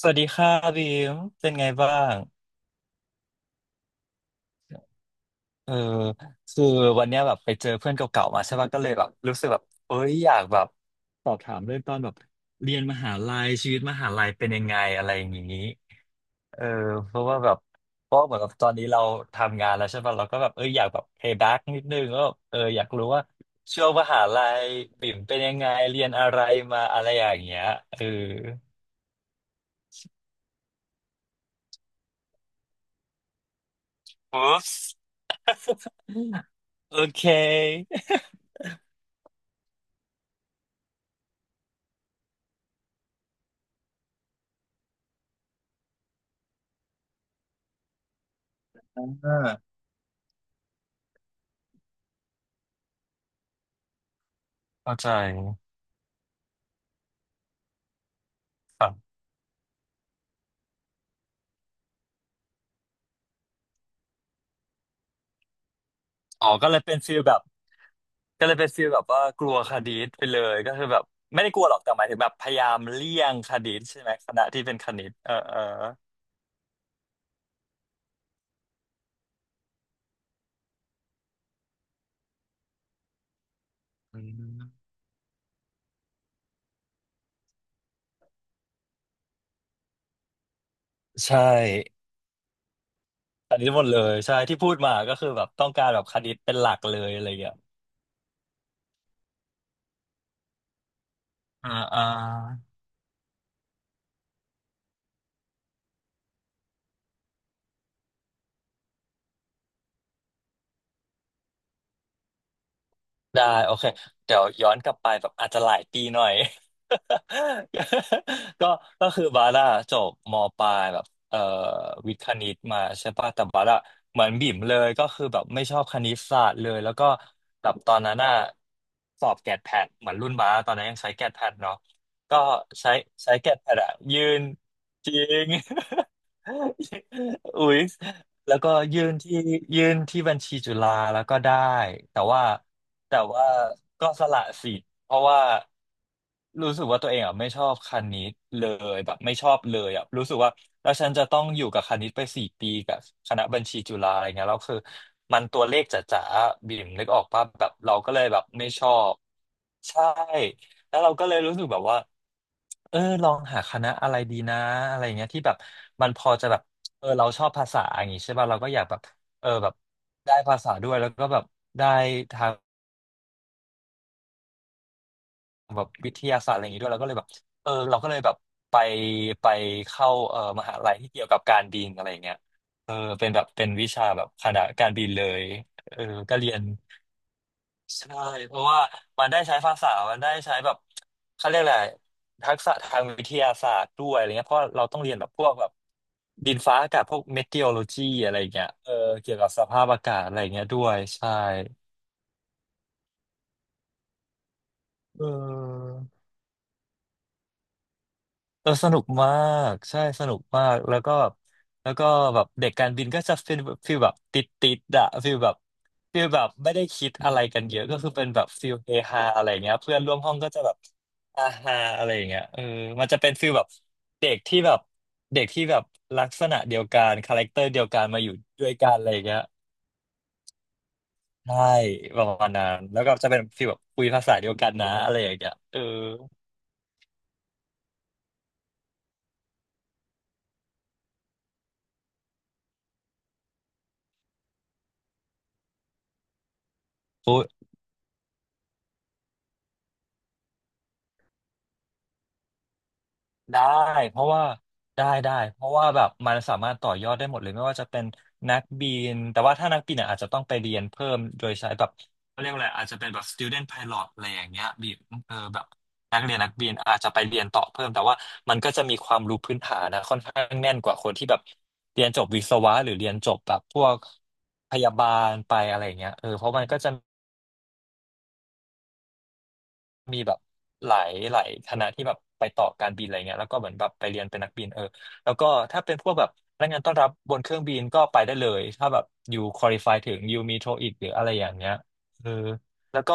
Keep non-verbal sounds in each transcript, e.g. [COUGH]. สวัสดีค่ะบีมเป็นไงบ้างเออคือวันเนี้ยแบบไปเจอเพื่อนเก่าๆมาใช่ป่ะก็เลยแบบรู้สึกแบบเอ้ยอยากแบบสอบถามเรื่องตอนแบบเรียนมหาลัยชีวิตมหาลัยเป็นยังไงอะไรอย่างนี้เออเพราะว่าแบบเพราะเหมือนกับตอนนี้เราทำงานแล้วใช่ป่ะเราก็แบบเอออยากแบบ pay back นิดนึงก็เอออยากรู้ว่าช่วงมหาลัยบิ่มเป็นยังไงเรียนอะไรมาอะไรอย่างเงี้ยเอออุ๊ปโอเคอ่าเข้าใจ อ๋อก็เลยเป็นฟีลแบบก็เลยเป็นฟีลแบบว่ากลัวคดีตไปเลยก็คือแบบไม่ได้กลัวหรอกแต่หมายถึงแบบพยายามเลี่ยงคดีตใช่ไหมคณะที่เป็นคณิตเออเอออืมใช่อันนี้หมดเลยใช่ที่พูดมาก็คือแบบต้องการแบบคณิตเป็นหลักเลยอะไรอย่างเงี้ยอ่าอ่า ได้โอเคเดี๋ยวย้อนกลับไปแบบอาจจะหลายปีหน่อย [LAUGHS] ก็ก็คือบาร่าจบมปลายแบบวิทย์คณิตมาใช่ป่ะแต่บาร่าเหมือนบิ่มเลยก็คือแบบไม่ชอบคณิตศาสตร์เลยแล้วก็แบบตอนนั้นน่ะสอบแกดแพดเหมือนรุ่นบาร่าตอนนั้นยังใช้แกดแพดเนาะก็ใช้ใช้แกดแพดอะยืนจริง [LAUGHS] อุ๊ยแล้วก็ยื่นที่บัญชีจุฬาแล้วก็ได้แต่ว่าแต่ว่าก็สละสิทธิ์เพราะว่ารู้สึกว่าตัวเองอ่ะไม่ชอบคณิตเลยแบบไม่ชอบเลยอ่ะรู้สึกว่าแล้วฉันจะต้องอยู่กับคณิตไป4 ปีกับคณะบัญชีจุฬาอะไรเงี้ยแล้วคือมันตัวเลขจ๋าๆบิ่มนึกออกป่ะแบบเราก็เลยแบบไม่ชอบใช่แล้วเราก็เลยรู้สึกแบบว่า เออลองหาคณะอะไรดีนะอะไรเงี้ยที่แบบมันพอจะแบบเออเราชอบภาษาอย่างงี้ใช่ป่ะเราก็อยากแบบเออแบบได้ภาษาด้วยแล้วก็แบบได้ทางแบบวิทยาศาสตร์อะไรอย่างงี้ด้วยเราก็เลยแบบเออเราก็เลยแบบไปไปเข้าเออมหาลัยที่เกี่ยวกับการบินอะไรเงี้ยเออเป็นแบบเป็นวิชาแบบคณะการบินเลยเออก็เรียน ใช่เพราะว่ามันได้ใช้ภาษา มันได้ใช้แบบเขาเรียกอะไรทักษะทางวิทยาศาสตร์ด้วยอะไรเงี้ยเพราะเราต้องเรียนแบบพวกแบบดินฟ้าอากาศพวกเมทีโอโลจีอะไรเงี้ยเออเกี่ยวกับสภาพอากาศอะไรเงี้ยด้วยใช่เออ เออสนุกมากใช่สนุกมากแล้วก็แล้วก็แบบเด็กการบินก็จะเป็นฟีลแบบติดติดอะฟีลแบบฟีลแบบไม่ได้คิดอะไรกันเยอะก็คือเป็นแบบฟีลเฮฮาอะไรเงี้ยเพื่อนร่วมห้องก็จะแบบอาฮาอะไรอย่างเงี้ยเออมันจะเป็นฟีลแบบเด็กที่แบบเด็กที่แบบลักษณะเดียวกันคาแรคเตอร์เดียวกันมาอยู่ด้วยกันอะไรอย่างเงี้ยใช่ประมาณนั้นแล้วก็จะเป็นฟีลแบบคุยภาษาเดียวกันนะอะไรอย่างเงี้ยเออ ได้เพราะว่าได้เพราะว่าแบบมันสามารถต่อยอดได้หมดเลยไม่ว่าจะเป็นนักบินแต่ว่าถ้านักบินเนี่ยอาจจะต้องไปเรียนเพิ่มโดยใช้แบบเขาเรียกว่าอะไรอาจจะเป็นแบบ student pilot อะไรอย่างเงี้ยบินเออแบบนักเรียนนักบินอาจจะไปเรียนต่อเพิ่มแต่ว่ามันก็จะมีความรู้พื้นฐานนะค่อนข้างแน่นกว่าคนที่แบบเรียนจบวิศวะหรือเรียนจบแบบพวกพยาบาลไปอะไรอย่างเงี้ยเออเพราะมันก็จะ มีแบบหลายหลายคณะที่แบบไปต่อการบินอะไรเงี้ยแล้วก็เหมือนแบบไปเรียนเป็นนักบินเออแล้วก็ถ้าเป็นพวกแบบพนักงานต้อนรับบนเครื่องบินก็ไปได้เลยถ้าแบบอยู่ค u a l i f y ถึงยูมีโทอีกหรืออะไรอย่างเงี้ยเออแล้วก็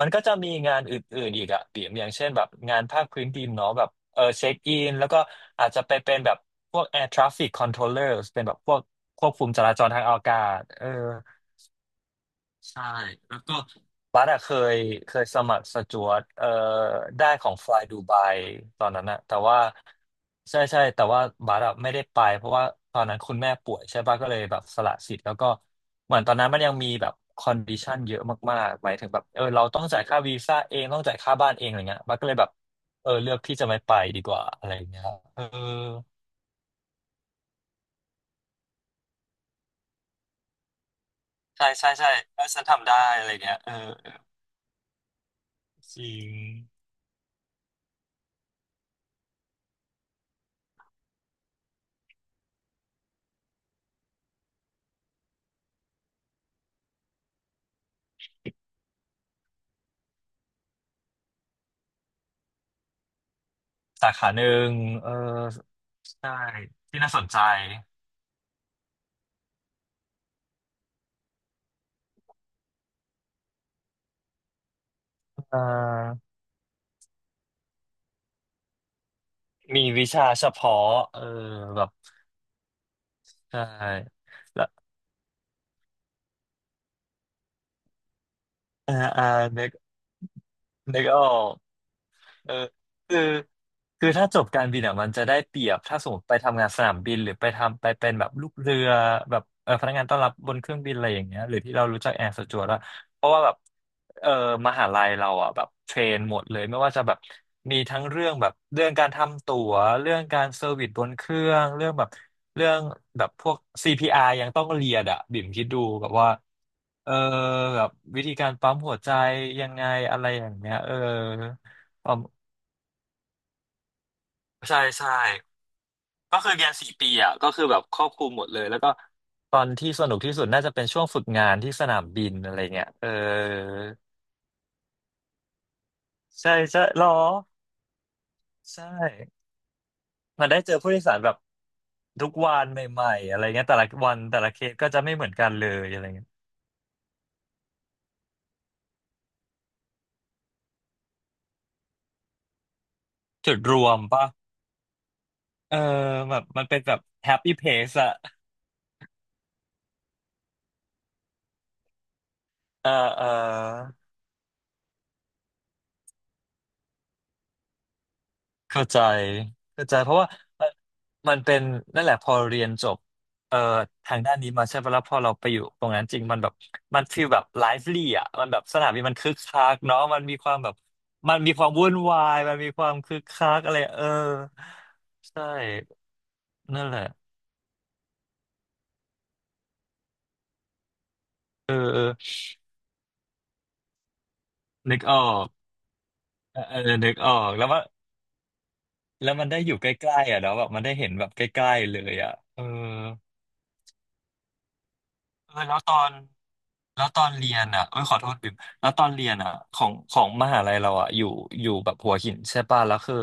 มันก็จะมีงานอื่นๆอีกอะปิ่มอย่างเช่นแบบงานภาคพื้นดินเนาะแบบเออเช็คอินแล้วก็อาจจะไปเป็นแบบพวก Air Traffic Controllers เป็นแบบพวกควบคุมจราจรทางอากาศเออ ใช่ แล้วก็บัสอะยเคยสมัครสจ๊วตได้ของ Fly Dubai ตอนนั้นอะแต่ว่าใช่ใช่แต่ว่าบัสอะไม่ได้ไปเพราะว่าตอนนั้นคุณแม่ป่วยใช่ป่ะก็เลยแบบสละสิทธิ์แล้วก็เหมือนตอนนั้นมันยังมีแบบคอนดิชันเยอะมากๆหมายถึงแบบเราต้องจ่ายค่าวีซ่าเองต้องจ่ายค่าบ้านเองอะไรเงี้ยบัสก็เลยแบบเออเลือกที่จะไม่ไปดีกว่าอะไรเงี้ยเออใช่ใช่ใช่เออฉันทำได้อะไรเงี้ยเออจริงสาขาหนึ่งเออ ใช่ที่น่าสนใจเอ่อมีวิชาเฉพาะเออแบบใช่แล้วอ่าอ่านึกออก อคือถ้าจบการบินอ่ะมันจะได้เปรียบถ้าสมมติไปทำงานสนามบินหรือไปทำไปเป็นแบบลูกเรือแบบเออพนักงานต้อนรับบนเครื่องบินอะไรอย่างเงี้ยหรือที่เรารู้จักแอร์สจวตอะเพราะว่าแบบเออมหาลัยเราอ่ะแบบเทรนหมดเลยไม่ว่าจะแบบมีทั้งเรื่องแบบเรื่องการทำตั๋วเรื่องการเซอร์วิสบนเครื่องเรื่องแบบเรื่องพวก CPR ยังต้องเรียนอ่ะบิ่มคิดดูแบบว่าเออแบบวิธีการปั๊มหัวใจยังไงอะไรอย่างเงี้ยเออ ใช่ใช่ก็คือเรียนสี่ปีอ่ะก็คือแบบครอบคลุมหมดเลยแล้วก็ตอนที่สนุกที่สุดน่าจะเป็นช่วงฝึกงานที่สนามบินอะไรเงี้ยเออใช่ใช่หรอใช่มันได้เจอผู้โดยสารแบบทุกวันใหม่ๆอะไรเงี้ยแต่ละวันแต่ละเคสก็จะไม่เหมือนกันเลยอะไรเงี้ยจุดรวมปะเออแบบมันเป็นแบบแฮปปี้เพ c สอะเออ เข้าใจเพราะว่าเอ่อมันเป็นนั่นแหละพอเรียนจบเอ่อทางด้านนี้มาใช่ไหมแล้วพอเราไปอยู่ตรงนั้นจริงมันแบบมันฟีลแบบไลฟ์ลี่อ่ะมันแบบสนามบินมันคึกคักเนาะมันมีความแบบมันมีความวุ่นวายมันมีความคึกคักอะไรเออใช่นั่นแหละเออเออนึกออกเออเออนึกออกแล้วว่าแล้วมันได้อยู่ใกล้ๆอ่ะเนาะแบบมันได้เห็นแบบใกล้ๆเลยอ่ะเออเออแล้วตอน แล้วตอนเรียนอ่ะเอ้ยขอโทษบิมแล้วตอนเรียนอ่ะของมหาลัยเราอ่ะอยู่แบบหัวหินใช่ป่ะแล้วคือ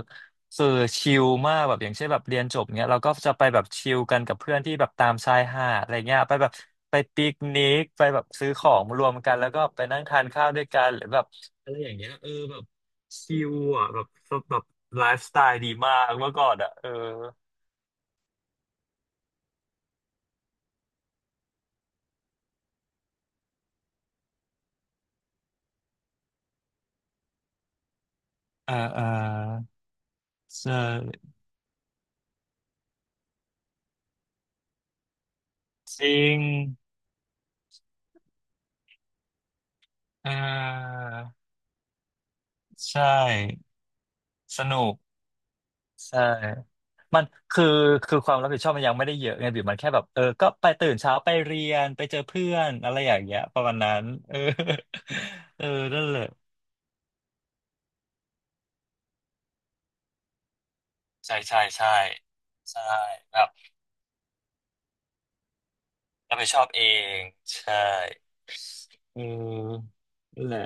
คือชิลมากแบบอย่างเช่นแบบเรียนจบเนี้ยเราก็จะไปแบบชิลกันกับเพื่อนที่แบบตามชายหาดอะไรเงี้ยไปแบบไปปิกนิกไปแบบซื้อของรวมกันแล้วก็ไปนั่งทานข้าวด้วยกันหรือแบบอะไรอย่างเงี้ยเออแบบชิลอ่ะแบบแบบไลฟ์สไตล์ดีมากเมื่อก่อนอ่ะเออเออเออเออจริงเออใช่ สนุกใช่ มันคือความรับผิดชอบมันยังไม่ได้เยอะไงบิวมันแค่แบบเออก็ไปตื่นเช้าไปเรียนไปเจอเพื่อนอะไรอย่างเงี้ยประมาณนั้นเออ [LAUGHS] เออนั่นแหละใช่ใช่ใช่ใช่แบบรับผิดชอบเองใช่เออนั่นแหละ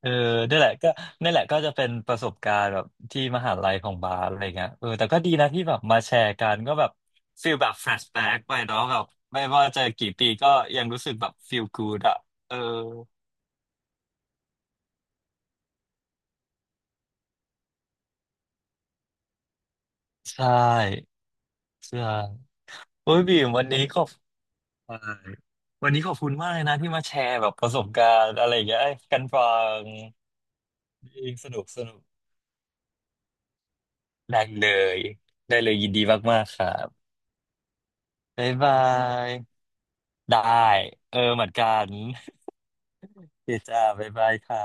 เออนี่นแหละก็จะเป็นประสบการณ์แบบที่มหาลัยของบาสอะไรเงี้ยเออแต่ก็ดีนะที่แบบมาแชร์กันก็แบบฟีลแบบแฟลชแบ็กไปเนาะแบบไม่ว่าจะกี่ปีก็ยังรู้สึกแบบฟีลกู o ดอ่ะเออใช่ใช่โอ้ยบีมวันนี้ขอบใช่วันนี้ขอบคุณมากเลยนะที่มาแชร์แบบประสบการณ์อะไรอย่างเงี้ยให้กันฟังดีสนุกสนุกได้เลยยินดีมากๆครับบ๊ายบายได้เออเหมือนกัน โอเคจ้า บ๊ายบายค่ะ